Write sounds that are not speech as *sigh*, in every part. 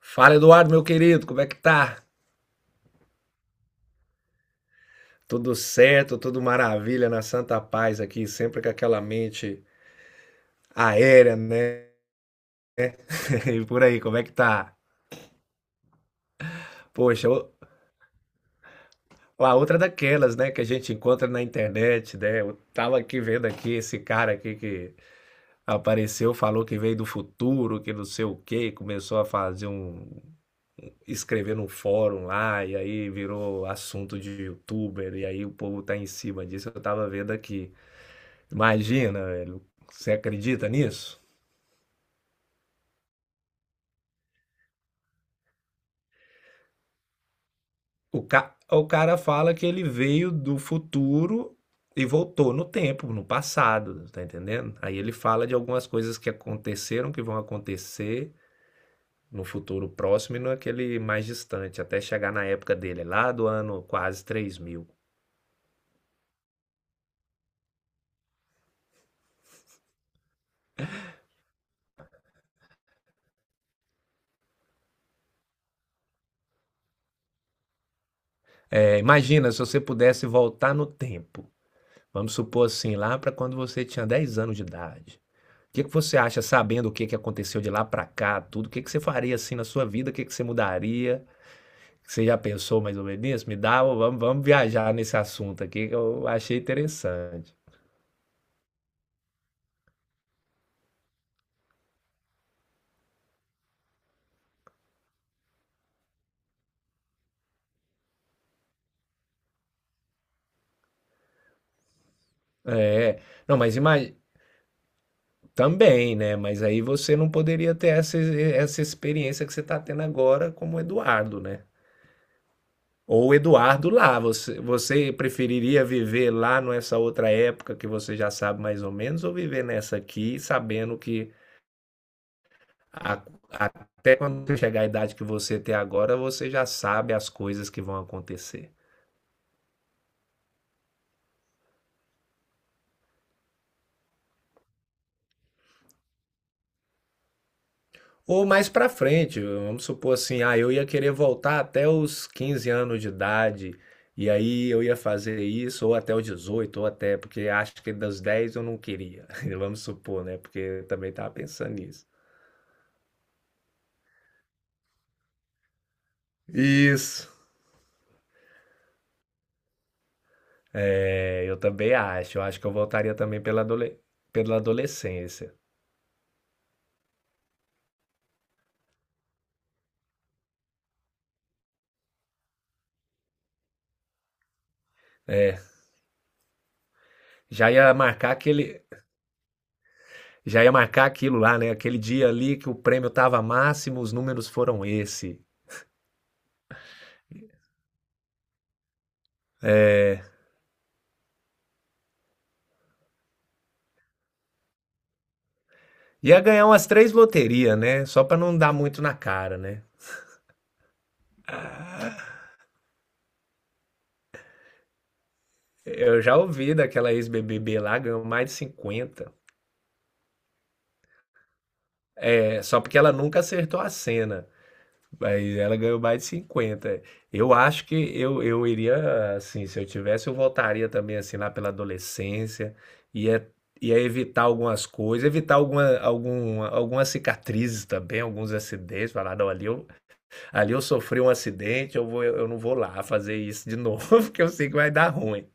Fala, Eduardo, meu querido, como é que tá? Tudo certo, tudo maravilha, na santa paz aqui, sempre com aquela mente aérea, né? *laughs* E por aí, como é que tá? Poxa, a outra é daquelas, né, que a gente encontra na internet, né? Eu tava aqui vendo aqui esse cara aqui que apareceu, falou que veio do futuro, que não sei o quê, começou a escrever num fórum lá, e aí virou assunto de youtuber, e aí o povo tá em cima disso, eu tava vendo aqui. Imagina, velho. Você acredita nisso? O cara fala que ele veio do futuro e voltou no tempo, no passado, tá entendendo? Aí ele fala de algumas coisas que aconteceram, que vão acontecer no futuro próximo e naquele mais distante, até chegar na época dele, lá do ano quase 3000. É, imagina se você pudesse voltar no tempo. Vamos supor assim, lá para quando você tinha 10 anos de idade. O que que você acha, sabendo o que que aconteceu de lá para cá, tudo? O que que você faria assim na sua vida? O que que você mudaria? Você já pensou mais ou menos nisso? Me dá, vamos viajar nesse assunto aqui que eu achei interessante. É, não, mas imagina. Também, né? Mas aí você não poderia ter essa experiência que você está tendo agora como Eduardo, né? Ou Eduardo lá, você preferiria viver lá nessa outra época que você já sabe mais ou menos, ou viver nessa aqui sabendo que A- até quando você chegar à idade que você tem agora, você já sabe as coisas que vão acontecer. Ou mais pra frente, vamos supor assim, ah, eu ia querer voltar até os 15 anos de idade, e aí eu ia fazer isso, ou até os 18 ou até, porque acho que dos 10 eu não queria. *laughs* Vamos supor, né? Porque eu também tava pensando nisso. Isso. É, eu também acho. Eu acho que eu voltaria também pela adolescência. É. Já ia marcar aquele. Já ia marcar aquilo lá, né? Aquele dia ali que o prêmio tava máximo, os números foram esse. Ia ganhar umas três loterias, né? Só pra não dar muito na cara, né? Eu já ouvi daquela ex-BBB lá, ganhou mais de 50. É, só porque ela nunca acertou a cena. Mas ela ganhou mais de 50. Eu acho que eu iria, assim, se eu tivesse, eu voltaria também, assim, lá pela adolescência. Ia, ia evitar algumas coisas, evitar algumas cicatrizes também, alguns acidentes. Falar, não, ali eu sofri um acidente, eu não vou lá fazer isso de novo, *laughs* porque eu sei que vai dar ruim.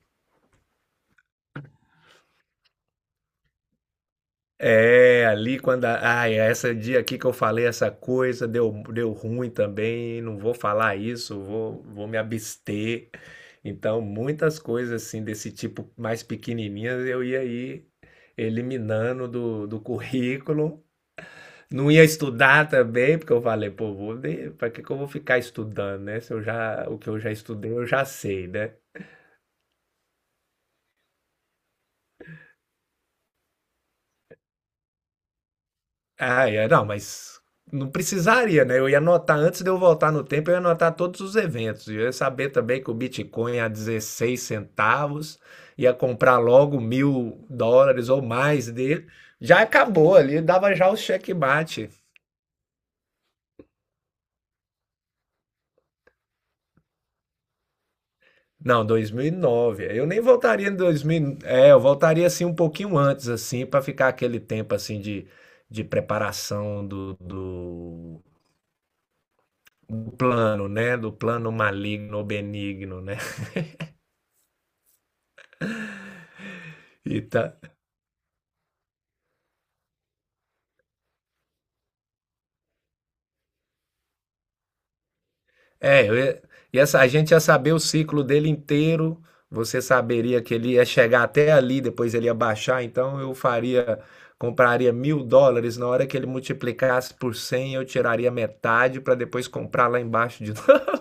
É, ali quando. A, ai, esse dia aqui que eu falei essa coisa, deu ruim também, não vou falar isso, vou me abster. Então, muitas coisas assim desse tipo mais pequenininhas eu ia aí eliminando do currículo. Não ia estudar também, porque eu falei, pô, vou, para que que eu vou ficar estudando, né? Se eu já, o que eu já estudei, eu já sei, né? Ah, é, não, mas não precisaria, né? Eu ia anotar, antes de eu voltar no tempo, eu ia anotar todos os eventos. Eu ia saber também que o Bitcoin a 16 centavos, ia comprar logo 1000 dólares ou mais dele. Já acabou ali, dava já o checkmate. Não, dois mil e nove. Eu nem voltaria em 2000. É, eu voltaria assim um pouquinho antes, assim, para ficar aquele tempo assim de preparação do plano, né? Do plano maligno ou benigno, né? *laughs* E tá. É, eu ia- e essa, a gente ia saber o ciclo dele inteiro, você saberia que ele ia chegar até ali, depois ele ia baixar, então eu faria, compraria 1000 dólares, na hora que ele multiplicasse por 100, eu tiraria metade para depois comprar lá embaixo de novo. *laughs*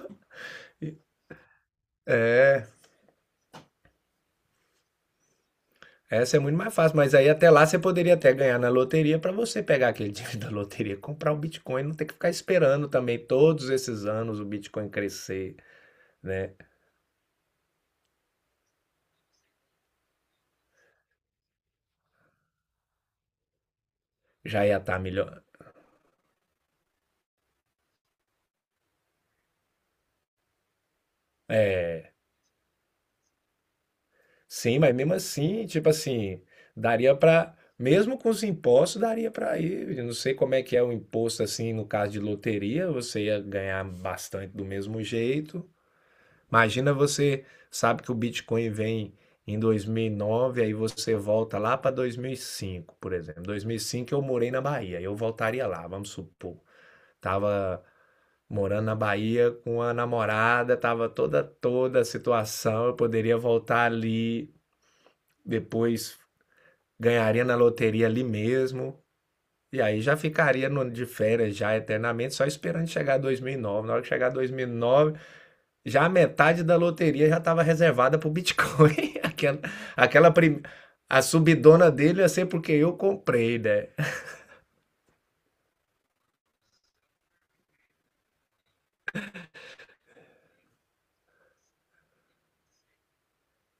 Essa é muito mais fácil, mas aí até lá você poderia até ganhar na loteria para você pegar aquele *laughs* dinheiro da loteria, comprar o Bitcoin, não ter que ficar esperando também todos esses anos o Bitcoin crescer, né? Já ia estar melhor. É, sim, mas mesmo assim, tipo assim, daria pra. Mesmo com os impostos, daria pra ir. Eu não sei como é que é o imposto assim no caso de loteria, você ia ganhar bastante do mesmo jeito. Imagina, você sabe que o Bitcoin vem em dois mil e nove, aí você volta lá para 2005 por exemplo. Dois mil e cinco eu morei na Bahia, eu voltaria lá, vamos supor. Tava morando na Bahia com a namorada, tava toda a situação, eu poderia voltar ali depois, ganharia na loteria ali mesmo. E aí já ficaria no, de férias já eternamente, só esperando chegar 2009. Na hora que chegar 2009, já a metade da loteria já estava reservada para o Bitcoin. *laughs* Aquela prim... A subidona dele ia ser porque eu comprei, né?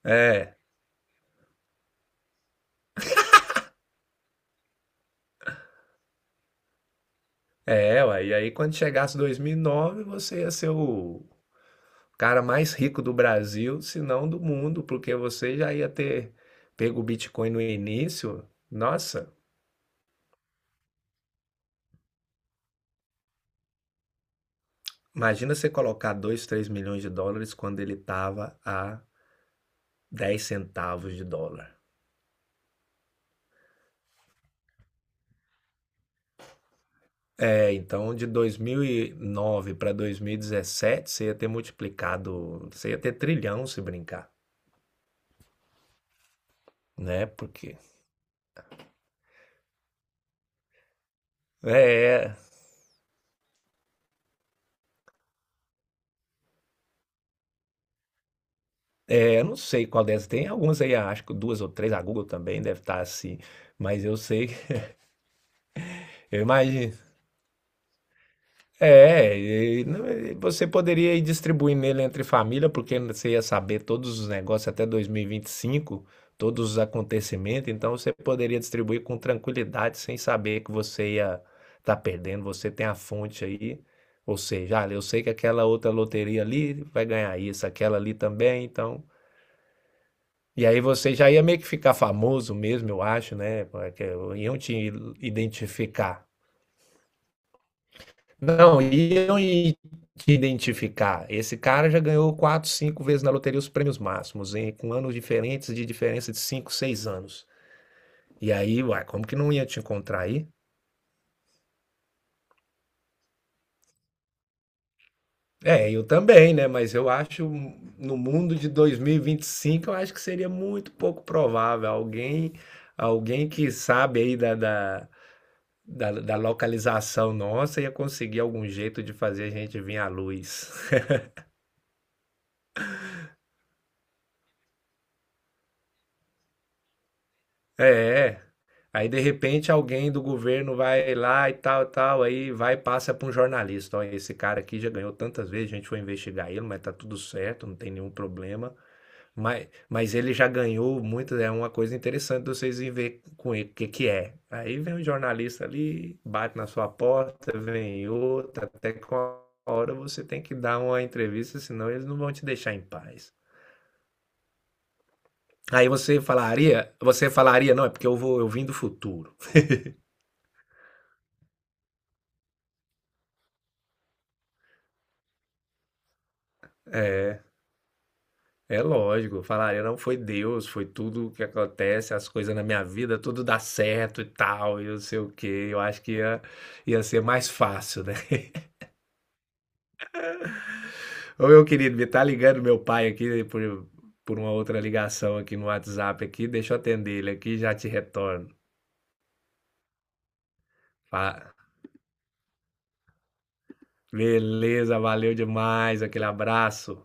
É, ué. E aí quando chegasse 2009, você ia ser o cara mais rico do Brasil, se não do mundo, porque você já ia ter pego o Bitcoin no início. Nossa, imagina você colocar 2, 3 milhões de dólares quando ele estava a 10 centavos de dólar. É, então de 2009 para 2017 você ia ter multiplicado, você ia ter trilhão se brincar, né? Porque é, é, eu não sei qual dessas tem, algumas aí acho que duas ou três, a Google também deve estar assim, mas eu sei, eu imagino. É, e não, e você poderia ir distribuindo ele entre família, porque você ia saber todos os negócios até 2025, todos os acontecimentos, então você poderia distribuir com tranquilidade, sem saber que você ia estar perdendo, você tem a fonte aí, ou seja, ah, eu sei que aquela outra loteria ali vai ganhar isso, aquela ali também, então. E aí você já ia meio que ficar famoso mesmo, eu acho, né? Porque iam te identificar. Não, iam e te identificar. Esse cara já ganhou quatro, cinco vezes na loteria os prêmios máximos, em, com anos diferentes, de diferença de cinco, seis anos. E aí, uai, como que não ia te encontrar aí? É, eu também, né? Mas eu acho, no mundo de 2025, eu acho que seria muito pouco provável alguém, alguém que sabe aí da localização nossa, ia conseguir algum jeito de fazer a gente vir à luz. É. é. Aí de repente alguém do governo vai lá e tal, tal, aí vai e passa para um jornalista. Olha, esse cara aqui já ganhou tantas vezes, a gente foi investigar ele, mas tá tudo certo, não tem nenhum problema. Mas ele já ganhou muito, é uma coisa interessante de vocês irem ver com ele o que que é. Aí vem um jornalista ali, bate na sua porta, vem outra, até que uma hora você tem que dar uma entrevista, senão eles não vão te deixar em paz. Aí você falaria, não, é porque eu vim do futuro. É lógico, falaria, não, foi Deus, foi tudo o que acontece, as coisas na minha vida, tudo dá certo e tal, e não sei o quê. Eu acho que ia ser mais fácil, né? *laughs* Ô, meu querido, me tá ligando meu pai aqui por uma outra ligação aqui no WhatsApp aqui, deixa eu atender ele aqui e já te retorno. Fa- Beleza, valeu demais, aquele abraço.